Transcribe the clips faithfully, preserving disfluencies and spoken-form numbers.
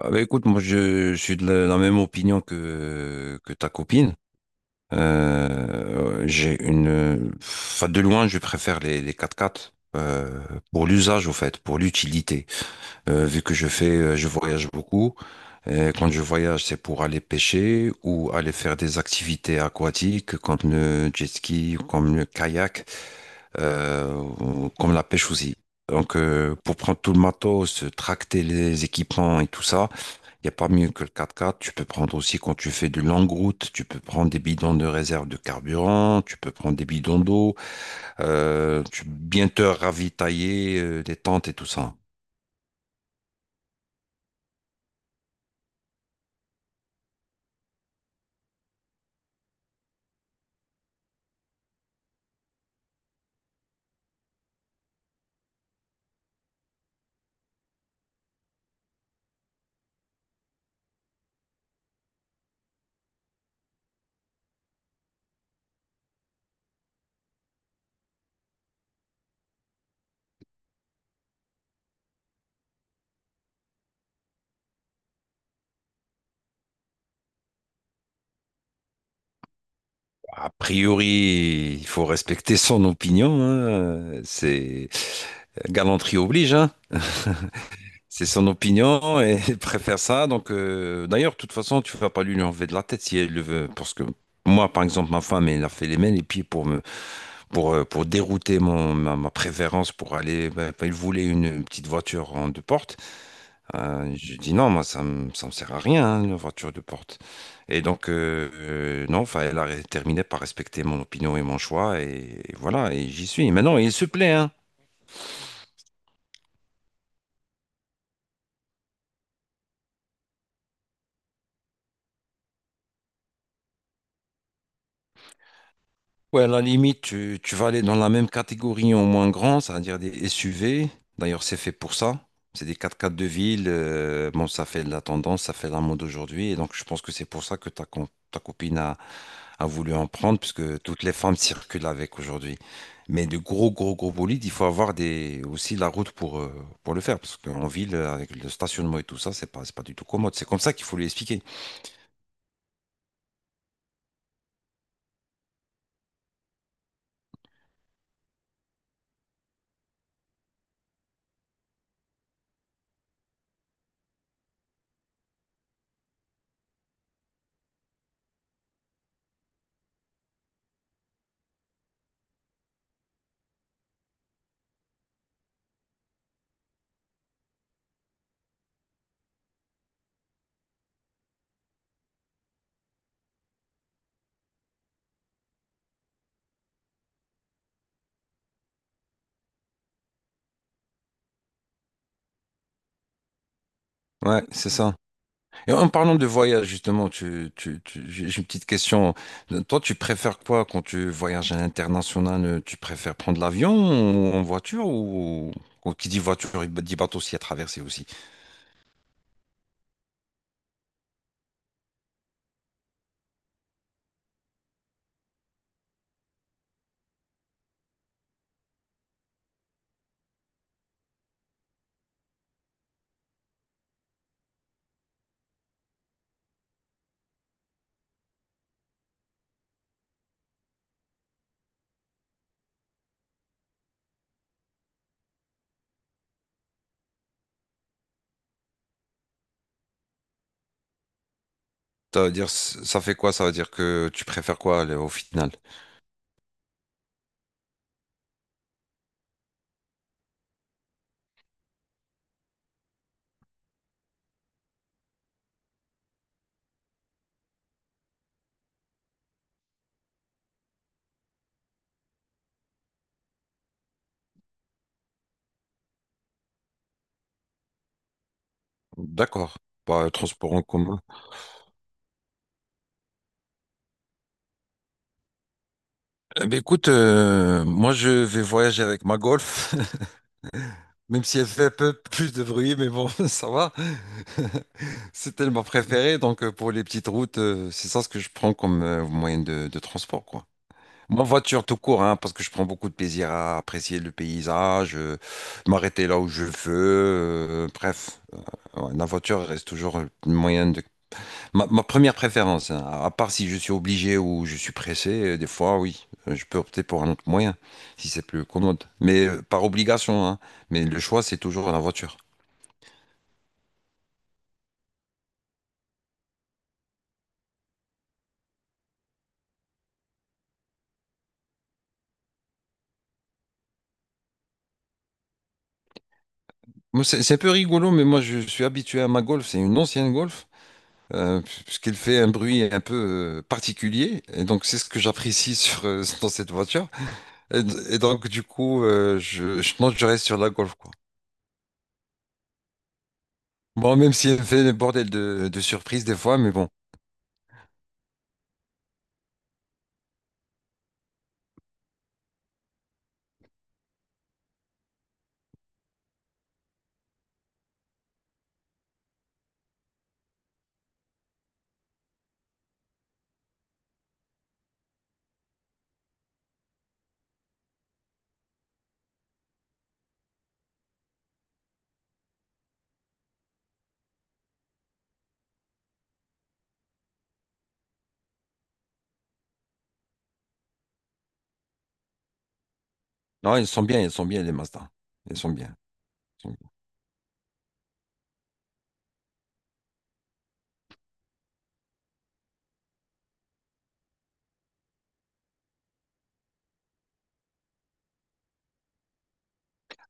Ah bah écoute, moi je, je suis de la, la même opinion que, que ta copine. Euh, j'ai une, enfin, de loin, je préfère les, les quatre-quatre, euh, pour l'usage au fait, pour l'utilité. Euh, vu que je fais, euh, je voyage beaucoup. Et quand je voyage, c'est pour aller pêcher ou aller faire des activités aquatiques comme le jet ski, ou comme le kayak, euh, ou comme la pêche aussi. Donc, euh, pour prendre tout le matos, tracter les équipements et tout ça. Il n'y a pas mieux que le quatre-quatre. Tu peux prendre aussi quand tu fais de longue route, tu peux prendre des bidons de réserve de carburant, tu peux prendre des bidons d'eau, euh, tu peux bien te ravitailler, euh, des tentes et tout ça. A priori, il faut respecter son opinion, hein. C'est galanterie oblige, hein. C'est son opinion et elle préfère ça. Donc, euh, d'ailleurs, de toute façon, tu vas pas lui enlever de la tête si elle le veut, parce que moi, par exemple, ma femme, elle a fait les mains et les pieds pour me pour, euh, pour dérouter mon, ma, ma préférence pour aller. Ben, il voulait une petite voiture en deux portes. Euh, je dis non, moi, ça me, ça me sert à rien, hein, une voiture deux portes. Et donc, euh, euh, non, enfin, elle a terminé par respecter mon opinion et mon choix. Et, et voilà, et j'y suis. Maintenant, il se plaît, hein. Ouais, à la limite, tu, tu vas aller dans la même catégorie en moins grand, c'est-à-dire des S U V. D'ailleurs, c'est fait pour ça. C'est des quatre-quatre de ville. Euh, bon, ça fait de la tendance, ça fait la mode aujourd'hui. Et donc, je pense que c'est pour ça que ta, com- ta copine a a voulu en prendre, puisque toutes les femmes circulent avec aujourd'hui. Mais de gros, gros, gros bolides, il faut avoir des, aussi la route pour, euh, pour le faire. Parce qu'en ville, avec le stationnement et tout ça, c'est pas, c'est pas du tout commode. C'est comme ça qu'il faut lui expliquer. Ouais, c'est ça. Et en parlant de voyage, justement, tu, tu, tu- j'ai j'ai une petite question. Toi, tu préfères quoi quand tu voyages à l'international? euh, Tu préfères prendre l'avion ou en voiture ou ou qui dit voiture, il dit bateau s'il y a traversé aussi. Ça veut dire, ça fait quoi? Ça veut dire que tu préfères quoi là, au final? D'accord. Bah, transport en commun. Eh ben, écoute, euh, moi je vais voyager avec ma Golf. Même si elle fait un peu plus de bruit, mais bon, ça va. C'est tellement préféré. Donc, euh, pour les petites routes, euh, c'est ça ce que je prends comme euh, moyen de, de transport, quoi. Moi, voiture tout court, hein, parce que je prends beaucoup de plaisir à apprécier le paysage, euh, m'arrêter là où je veux. Euh, bref, ouais, la voiture reste toujours le moyen de Ma, ma première préférence, hein, à part si je suis obligé ou je suis pressé, euh, des fois, oui, euh, je peux opter pour un autre moyen, si c'est plus commode. Mais euh, par obligation, hein. Mais le choix, c'est toujours la voiture. Moi, c'est c'est un peu rigolo, mais moi, je suis habitué à ma Golf. C'est une ancienne Golf, euh, puisqu'elle fait un bruit un peu euh, particulier. Et donc, c'est ce que j'apprécie sur, euh, dans cette voiture. Et, et donc, du coup, euh, je, je, non, je reste sur la Golf, quoi. Bon, même si elle fait des bordels de, de surprises des fois, mais bon. Non, ils sont bien, ils sont bien, les Mazda. Ils sont bien, ils sont bien.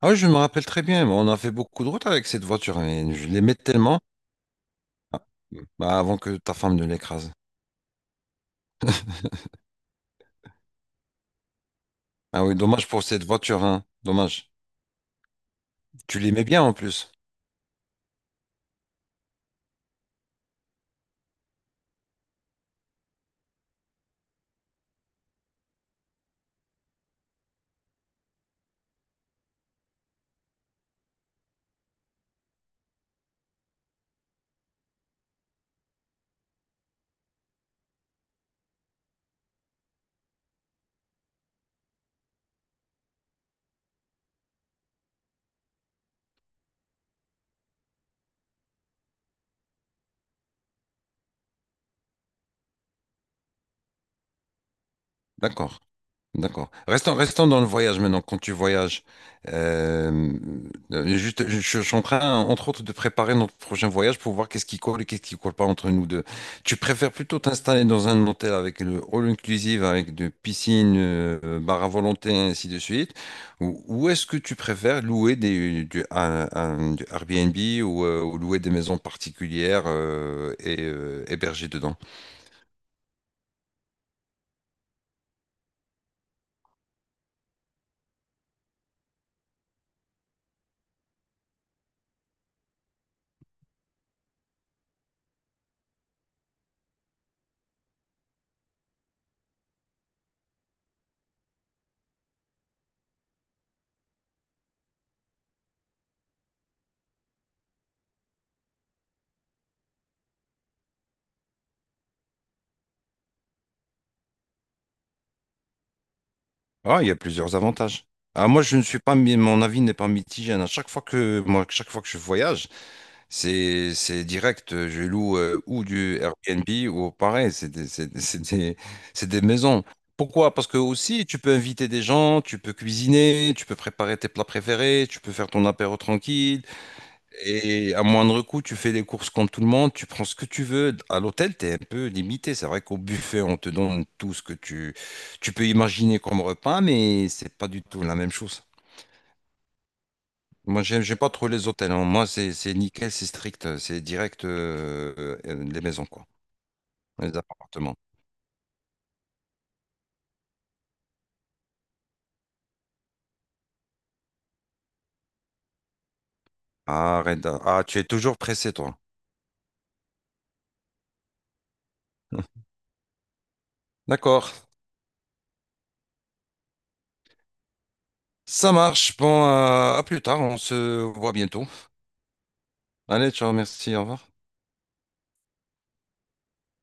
Ah oui, je me rappelle très bien. On a fait beaucoup de routes avec cette voiture. Mais je l'aimais tellement bah, avant que ta femme ne l'écrase. Ah oui, dommage pour cette voiture, hein. Dommage. Tu l'aimais bien en plus. D'accord. D'accord. Restons, restons dans le voyage maintenant. Quand tu voyages, euh, euh, juste, je, je suis en train, entre autres, de préparer notre prochain voyage pour voir qu'est-ce qui colle et qu'est-ce qui colle pas entre nous deux. Tu préfères plutôt t'installer dans un hôtel avec le all inclusive, avec de piscine, euh, bar à volonté, ainsi de suite, ou, ou est-ce que tu préfères louer des, du, un- un- du Airbnb ou, euh, ou louer des maisons particulières euh, et euh, héberger dedans? Ah, il y a plusieurs avantages. Ah, moi, je ne suis pas, mi- mon avis n'est pas mitigé, hein. À chaque fois que, moi, chaque fois que je voyage, c'est, c'est direct. euh, Je loue euh, ou du Airbnb ou pareil. C'est des, c'est- c'est des- c'est des maisons. Pourquoi? Parce que aussi, tu peux inviter des gens, tu peux cuisiner, tu peux préparer tes plats préférés, tu peux faire ton apéro tranquille, et à moindre coût, tu fais des courses comme tout le monde, tu prends ce que tu veux. À l'hôtel, tu es un peu limité. C'est vrai qu'au buffet, on te donne tout ce que tu, tu peux imaginer comme repas, mais c'est pas du tout la même chose. Moi, j'aime, j'aime pas trop les hôtels, hein. Moi, c'est c'est nickel, c'est strict, c'est direct euh, euh, les maisons, quoi, les appartements. Arrête. d'a- Ah, tu es toujours pressé, toi. D'accord. Ça marche. Bon, euh, à plus tard. On se voit bientôt. Allez, ciao, merci, au revoir.